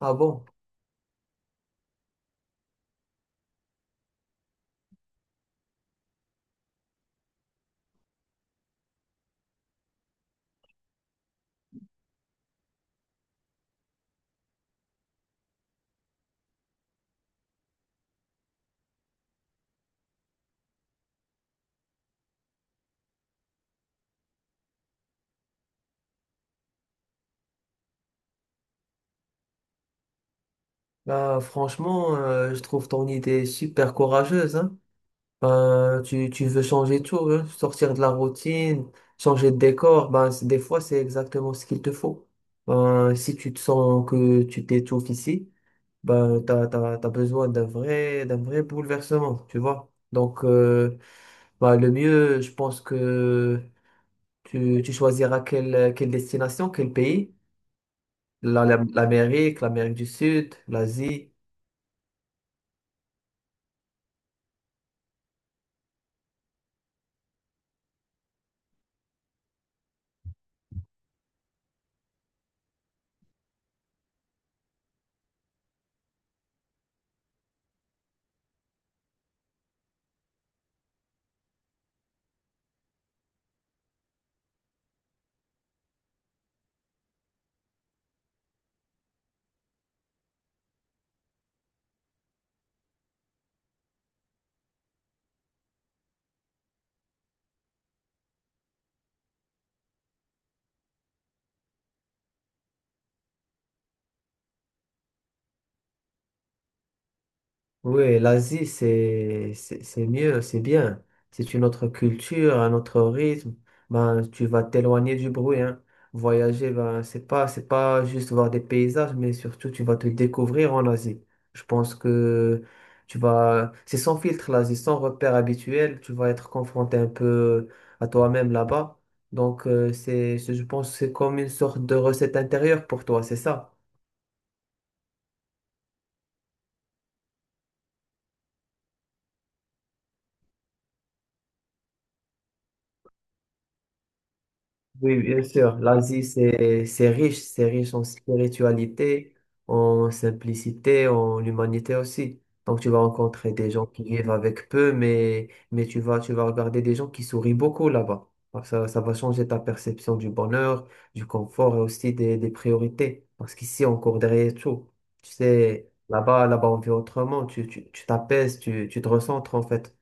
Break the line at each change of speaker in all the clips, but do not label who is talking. Ah bon? Bah, franchement, je trouve ton idée super courageuse, hein. Ben, tu veux changer tout, hein, sortir de la routine, changer de décor. Ben, des fois, c'est exactement ce qu'il te faut. Ben, si tu te sens que tu t'étouffes ici, ben, t'as besoin d'un vrai bouleversement, tu vois. Donc, ben, le mieux, je pense que tu choisiras quelle destination, quel pays. L'Amérique, l'Amérique du Sud, l'Asie. Oui, l'Asie, c'est c'est mieux, c'est bien. C'est une autre culture, un autre rythme. Ben, tu vas t'éloigner du bruit, hein. Voyager, ben, c'est pas juste voir des paysages, mais surtout, tu vas te découvrir en Asie. Je pense que tu vas, c'est sans filtre, l'Asie, sans repère habituel. Tu vas être confronté un peu à toi-même là-bas. Donc, je pense, que c'est comme une sorte de recette intérieure pour toi, c'est ça? Oui, bien sûr. L'Asie, c'est riche en spiritualité, en simplicité, en humanité aussi. Donc, tu vas rencontrer des gens qui vivent avec peu, mais tu vas regarder des gens qui sourient beaucoup là-bas. Alors, ça va changer ta perception du bonheur, du confort et aussi des priorités. Parce qu'ici, on court derrière tout. Tu sais, là-bas, on vit autrement. Tu t'apaises, tu te recentres en fait.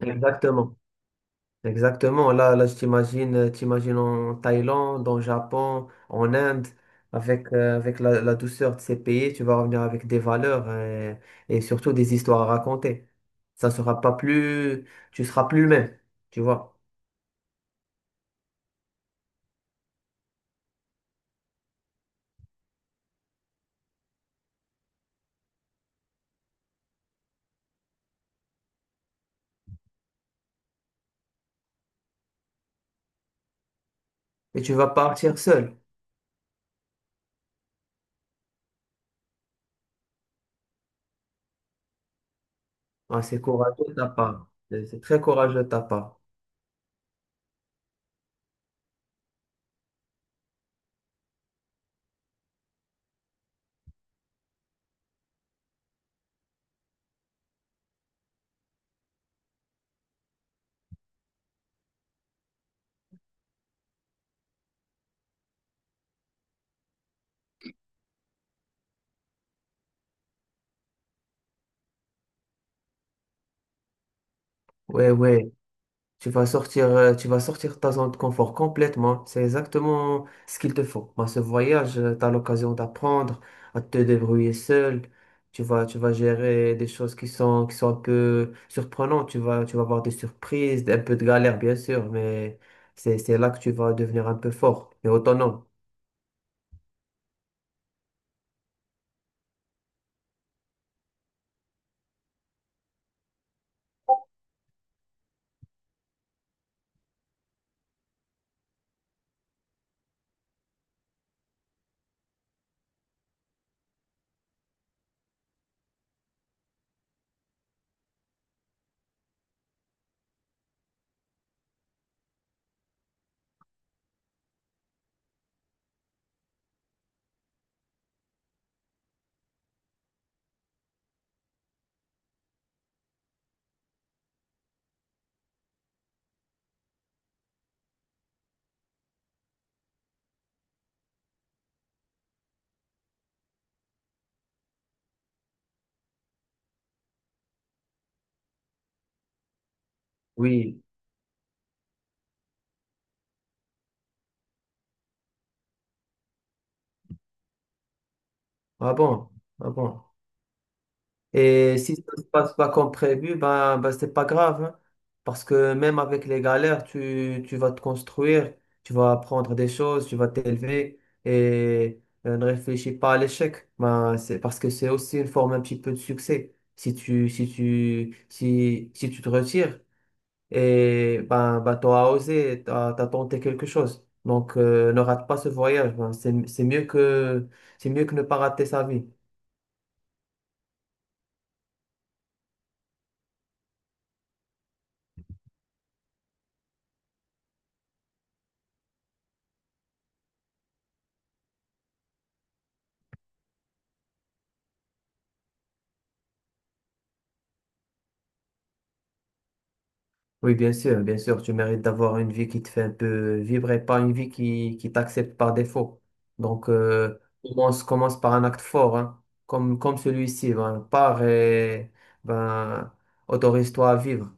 Exactement. Exactement. Là, je t'imagine, t'imagines en Thaïlande, en Japon, en Inde, avec, avec la douceur de ces pays, tu vas revenir avec des valeurs et, surtout des histoires à raconter. Ça sera pas plus, tu seras plus le même, tu vois. Et tu vas partir seul. Ah, c'est courageux de ta part. C'est très courageux de ta part. Ouais, ouais. Tu vas sortir de ta zone de confort complètement. C'est exactement ce qu'il te faut. Dans ce voyage, tu as l'occasion d'apprendre à te débrouiller seul. Tu vas gérer des choses qui sont un peu surprenantes. Tu vas avoir des surprises, un peu de galère, bien sûr, mais c'est là que tu vas devenir un peu fort et autonome. Oui. Ah bon? Ah bon? Et si ça ne se passe pas comme prévu, ben c'est pas grave, hein. Parce que même avec les galères, tu vas te construire, tu vas apprendre des choses, tu vas t'élever et ne réfléchis pas à l'échec. Ben, c'est parce que c'est aussi une forme un petit peu de succès. Si tu te retires, et ben tu as osé, tenté quelque chose. Donc, ne rate pas ce voyage. Ben, c'est mieux que ne pas rater sa vie. Oui, bien sûr, tu mérites d'avoir une vie qui te fait un peu vibrer, pas une vie qui t'accepte par défaut. Donc, commence par un acte fort, hein, comme celui-ci. Ben, pars et ben, autorise-toi à vivre.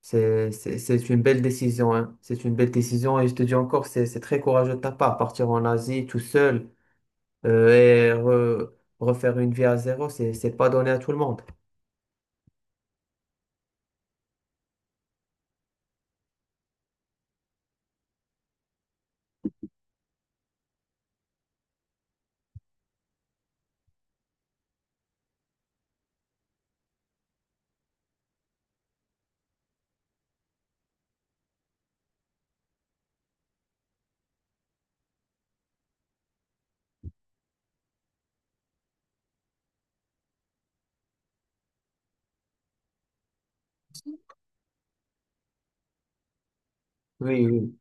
C'est une belle décision, hein. C'est une belle décision et je te dis encore, c'est très courageux de ta part. Partir en Asie tout seul euh, et refaire une vie à zéro, c'est pas donné à tout le monde. Oui, oui.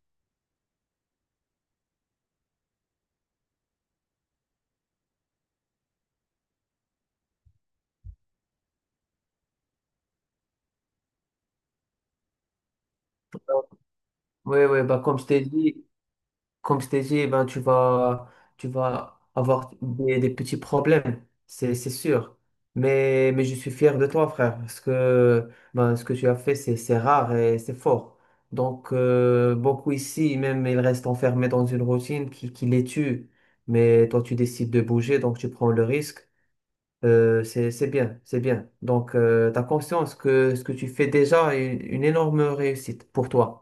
Oui, oui, bah, comme je t'ai dit, eh ben, tu vas avoir des petits problèmes, c'est sûr. Mais je suis fier de toi, frère, parce que ben, ce que tu as fait, c'est rare et c'est fort. Donc, beaucoup ici, même, ils restent enfermés dans une routine qui les tue. Mais toi, tu décides de bouger, donc tu prends le risque. C'est bien, c'est bien. Donc, tu as conscience que ce que tu fais déjà est une énorme réussite pour toi.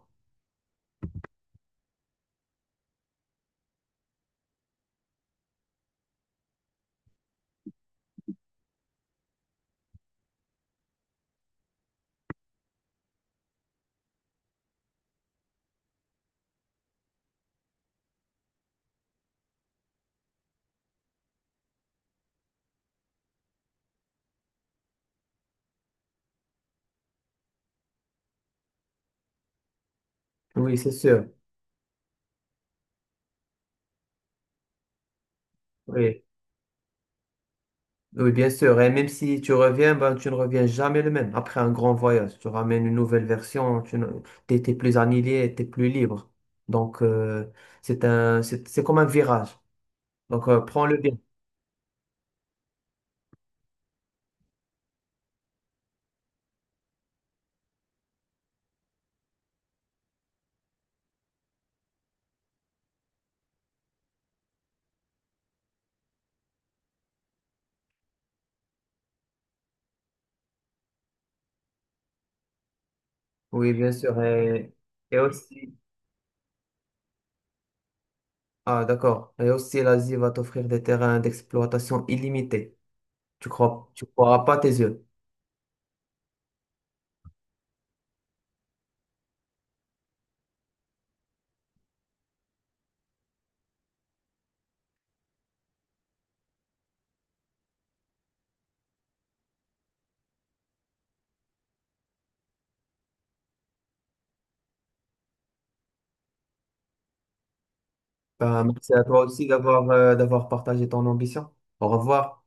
Oui, c'est sûr. Oui. Oui, bien sûr. Et même si tu reviens, ben, tu ne reviens jamais le même. Après un grand voyage, tu ramènes une nouvelle version, tu es, plus annihilé, tu es plus libre. Donc, c'est comme un virage. Donc, prends-le bien. Oui, bien sûr. Et aussi, ah, d'accord. Et aussi, l'Asie va t'offrir des terrains d'exploitation illimités. Tu croiras pas tes yeux. Ben, merci à toi aussi d'avoir, d'avoir partagé ton ambition. Au revoir.